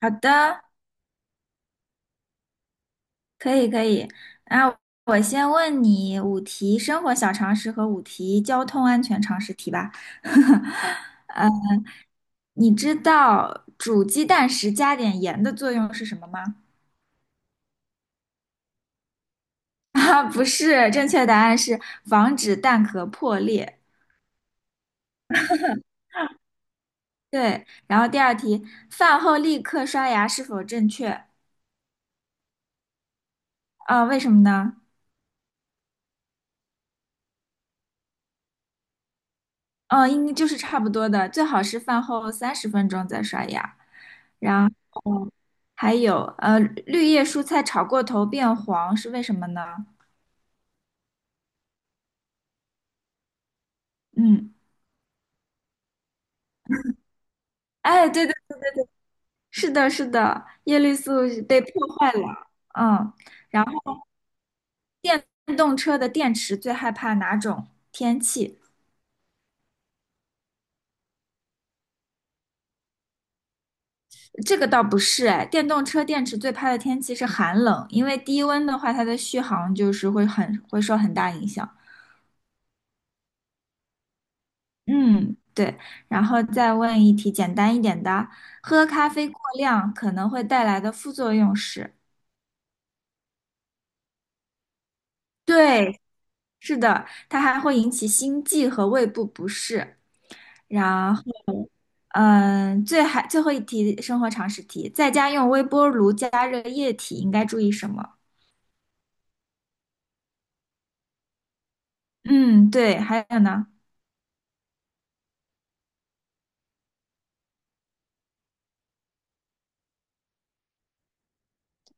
好的，可以可以。啊，我先问你五题生活小常识和五题交通安全常识题吧。你知道煮鸡蛋时加点盐的作用是什么吗？啊，不是，正确答案是防止蛋壳破裂。对，然后第二题，饭后立刻刷牙是否正确？啊，为什么呢？嗯，应该就是差不多的，最好是饭后30分钟再刷牙。然还有绿叶蔬菜炒过头变黄是为什么呢？嗯，哎，对对，是的，是的，叶绿素被破坏了。嗯，然后电动车的电池最害怕哪种天气？这个倒不是，哎，电动车电池最怕的天气是寒冷，因为低温的话，它的续航就是会很会受很大影响。嗯，对。然后再问一题简单一点的，喝咖啡过量可能会带来的副作用是？对，是的，它还会引起心悸和胃部不适。然后，嗯，最后一题生活常识题，在家用微波炉加热液体应该注意什么？嗯，对，还有呢，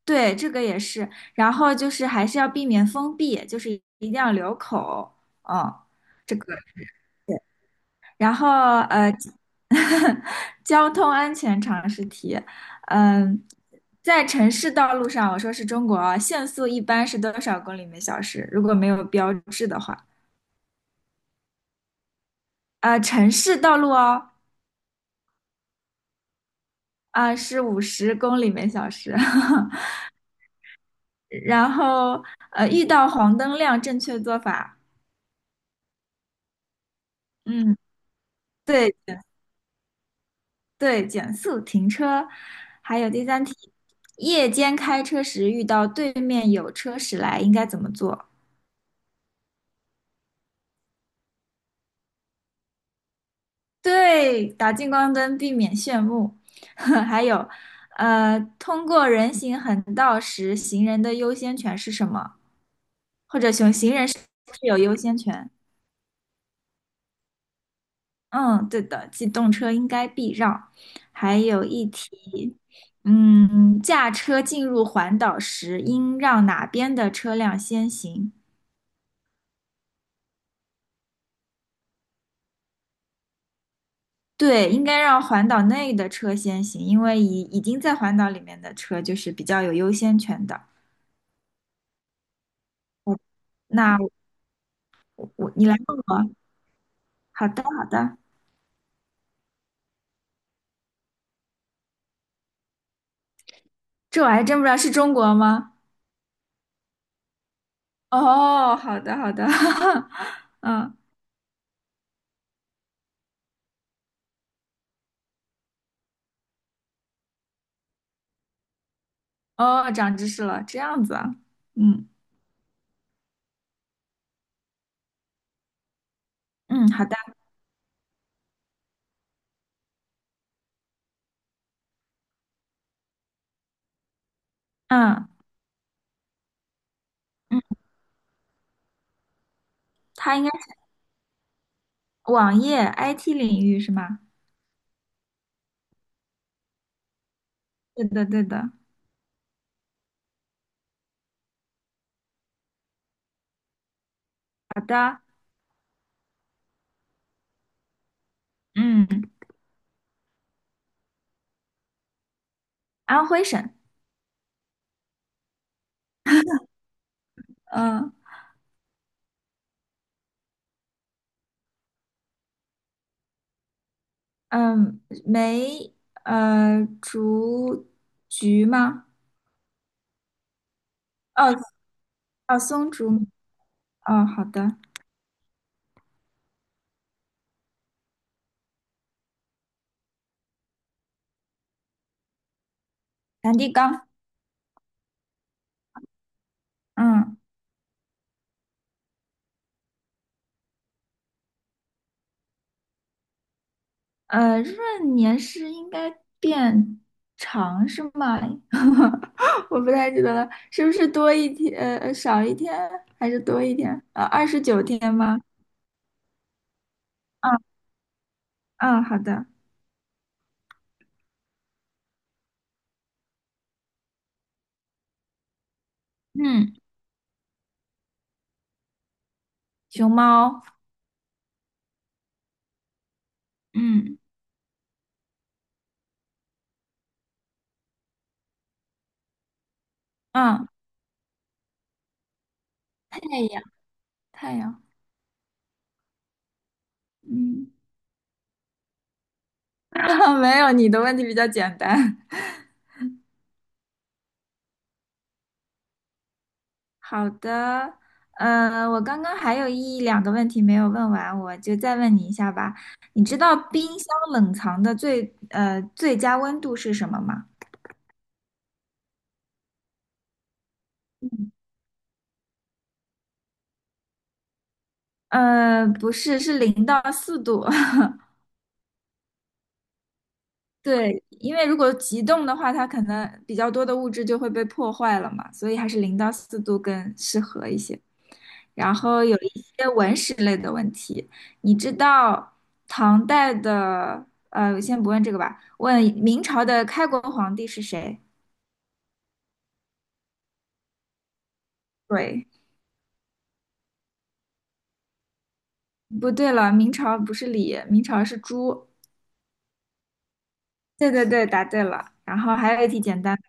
对，这个也是。然后就是还是要避免封闭，就是一定要留口。哦，这个。然后交通安全常识题，嗯、在城市道路上，我说是中国啊，限速一般是多少公里每小时？如果没有标志的话，啊、城市道路哦，啊、是50公里/小时。然后遇到黄灯亮，正确做法，嗯，对对，减速停车。还有第三题，夜间开车时遇到对面有车驶来，应该怎么做？对，打近光灯避免炫目，还有，通过人行横道时，行人的优先权是什么？或者行人是不是有优先权？嗯，对的，机动车应该避让。还有一题，嗯，驾车进入环岛时，应让哪边的车辆先行？对，应该让环岛内的车先行，因为已经在环岛里面的车就是比较有优先权的。那你来问我，好的好的，这我还真不知道是中国吗？哦，好的好的，嗯，哦，长知识了，这样子啊，嗯嗯，好的，嗯嗯，它应该是网页 IT 领域是吗？对的对的，好的，嗯，安徽省，嗯嗯，梅竹菊吗？哦哦，松竹，哦，好的，梵蒂冈，嗯。闰年是应该变长是吗？我不太记得了，是不是多一天，少一天还是多一天？29天吗？嗯嗯，好的。嗯，熊猫。嗯嗯，太阳太阳。嗯，没有，你的问题比较简单。好的，我刚刚还有一两个问题没有问完，我就再问你一下吧。你知道冰箱冷藏的最佳温度是什么吗？不是，是零到四度。对，因为如果急冻的话，它可能比较多的物质就会被破坏了嘛，所以还是零到四度更适合一些。然后有一些文史类的问题。你知道唐代的，先不问这个吧，问明朝的开国皇帝是谁？对，不对了，明朝不是李，明朝是朱。对对对，答对了。然后还有一题简单的，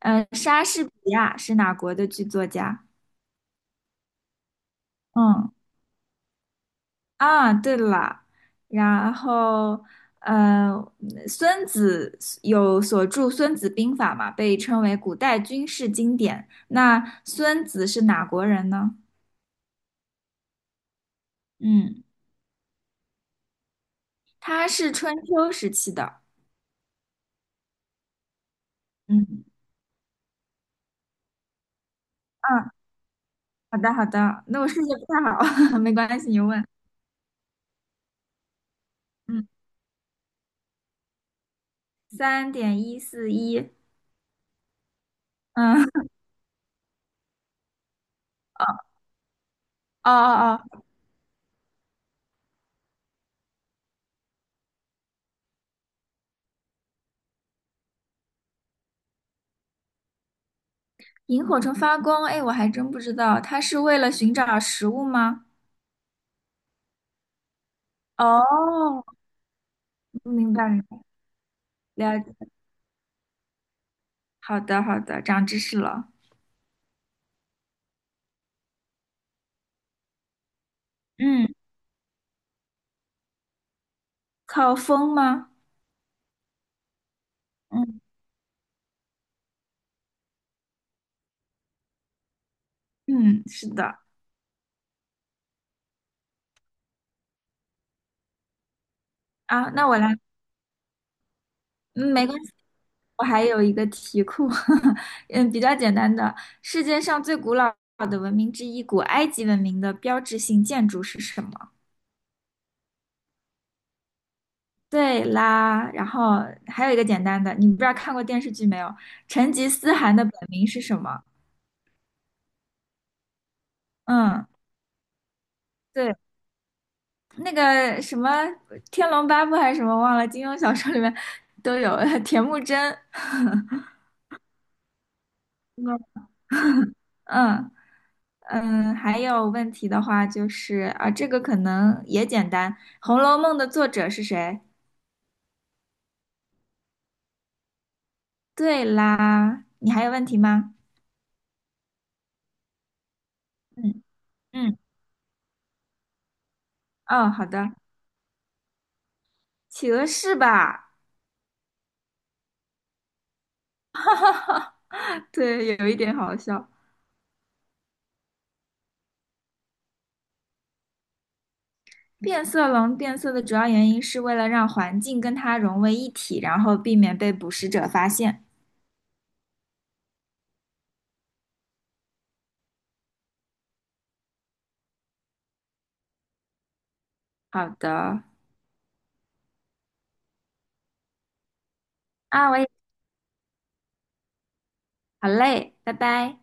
嗯、莎士比亚是哪国的剧作家？嗯。啊，对了，然后呃，孙子有所著《孙子兵法》嘛，被称为古代军事经典。那孙子是哪国人呢？嗯，他是春秋时期的。嗯嗯，好的好的，那我数学不太好，没关系，你问。嗯，3.141。嗯，哦哦哦，萤火虫发光，哎，我还真不知道，它是为了寻找食物吗？哦，明白了。好的，好的，长知识了。嗯靠风吗？嗯，嗯，是的。啊，那我来，嗯，没关系，我还有一个题库，嗯，比较简单的。世界上最古老的文明之一，古埃及文明的标志性建筑是什么？对啦，然后还有一个简单的，你不知道看过电视剧没有？成吉思汗的本名是什么？嗯，对，那个什么《天龙八部》还是什么忘了，金庸小说里面都有 铁木真。嗯嗯，还有问题的话就是啊，这个可能也简单，《红楼梦》的作者是谁？对啦，你还有问题吗？嗯嗯，哦，好的，企鹅是吧？对，有一点好笑。变色龙变色的主要原因是为了让环境跟它融为一体，然后避免被捕食者发现。好的，啊，我也好嘞，拜拜。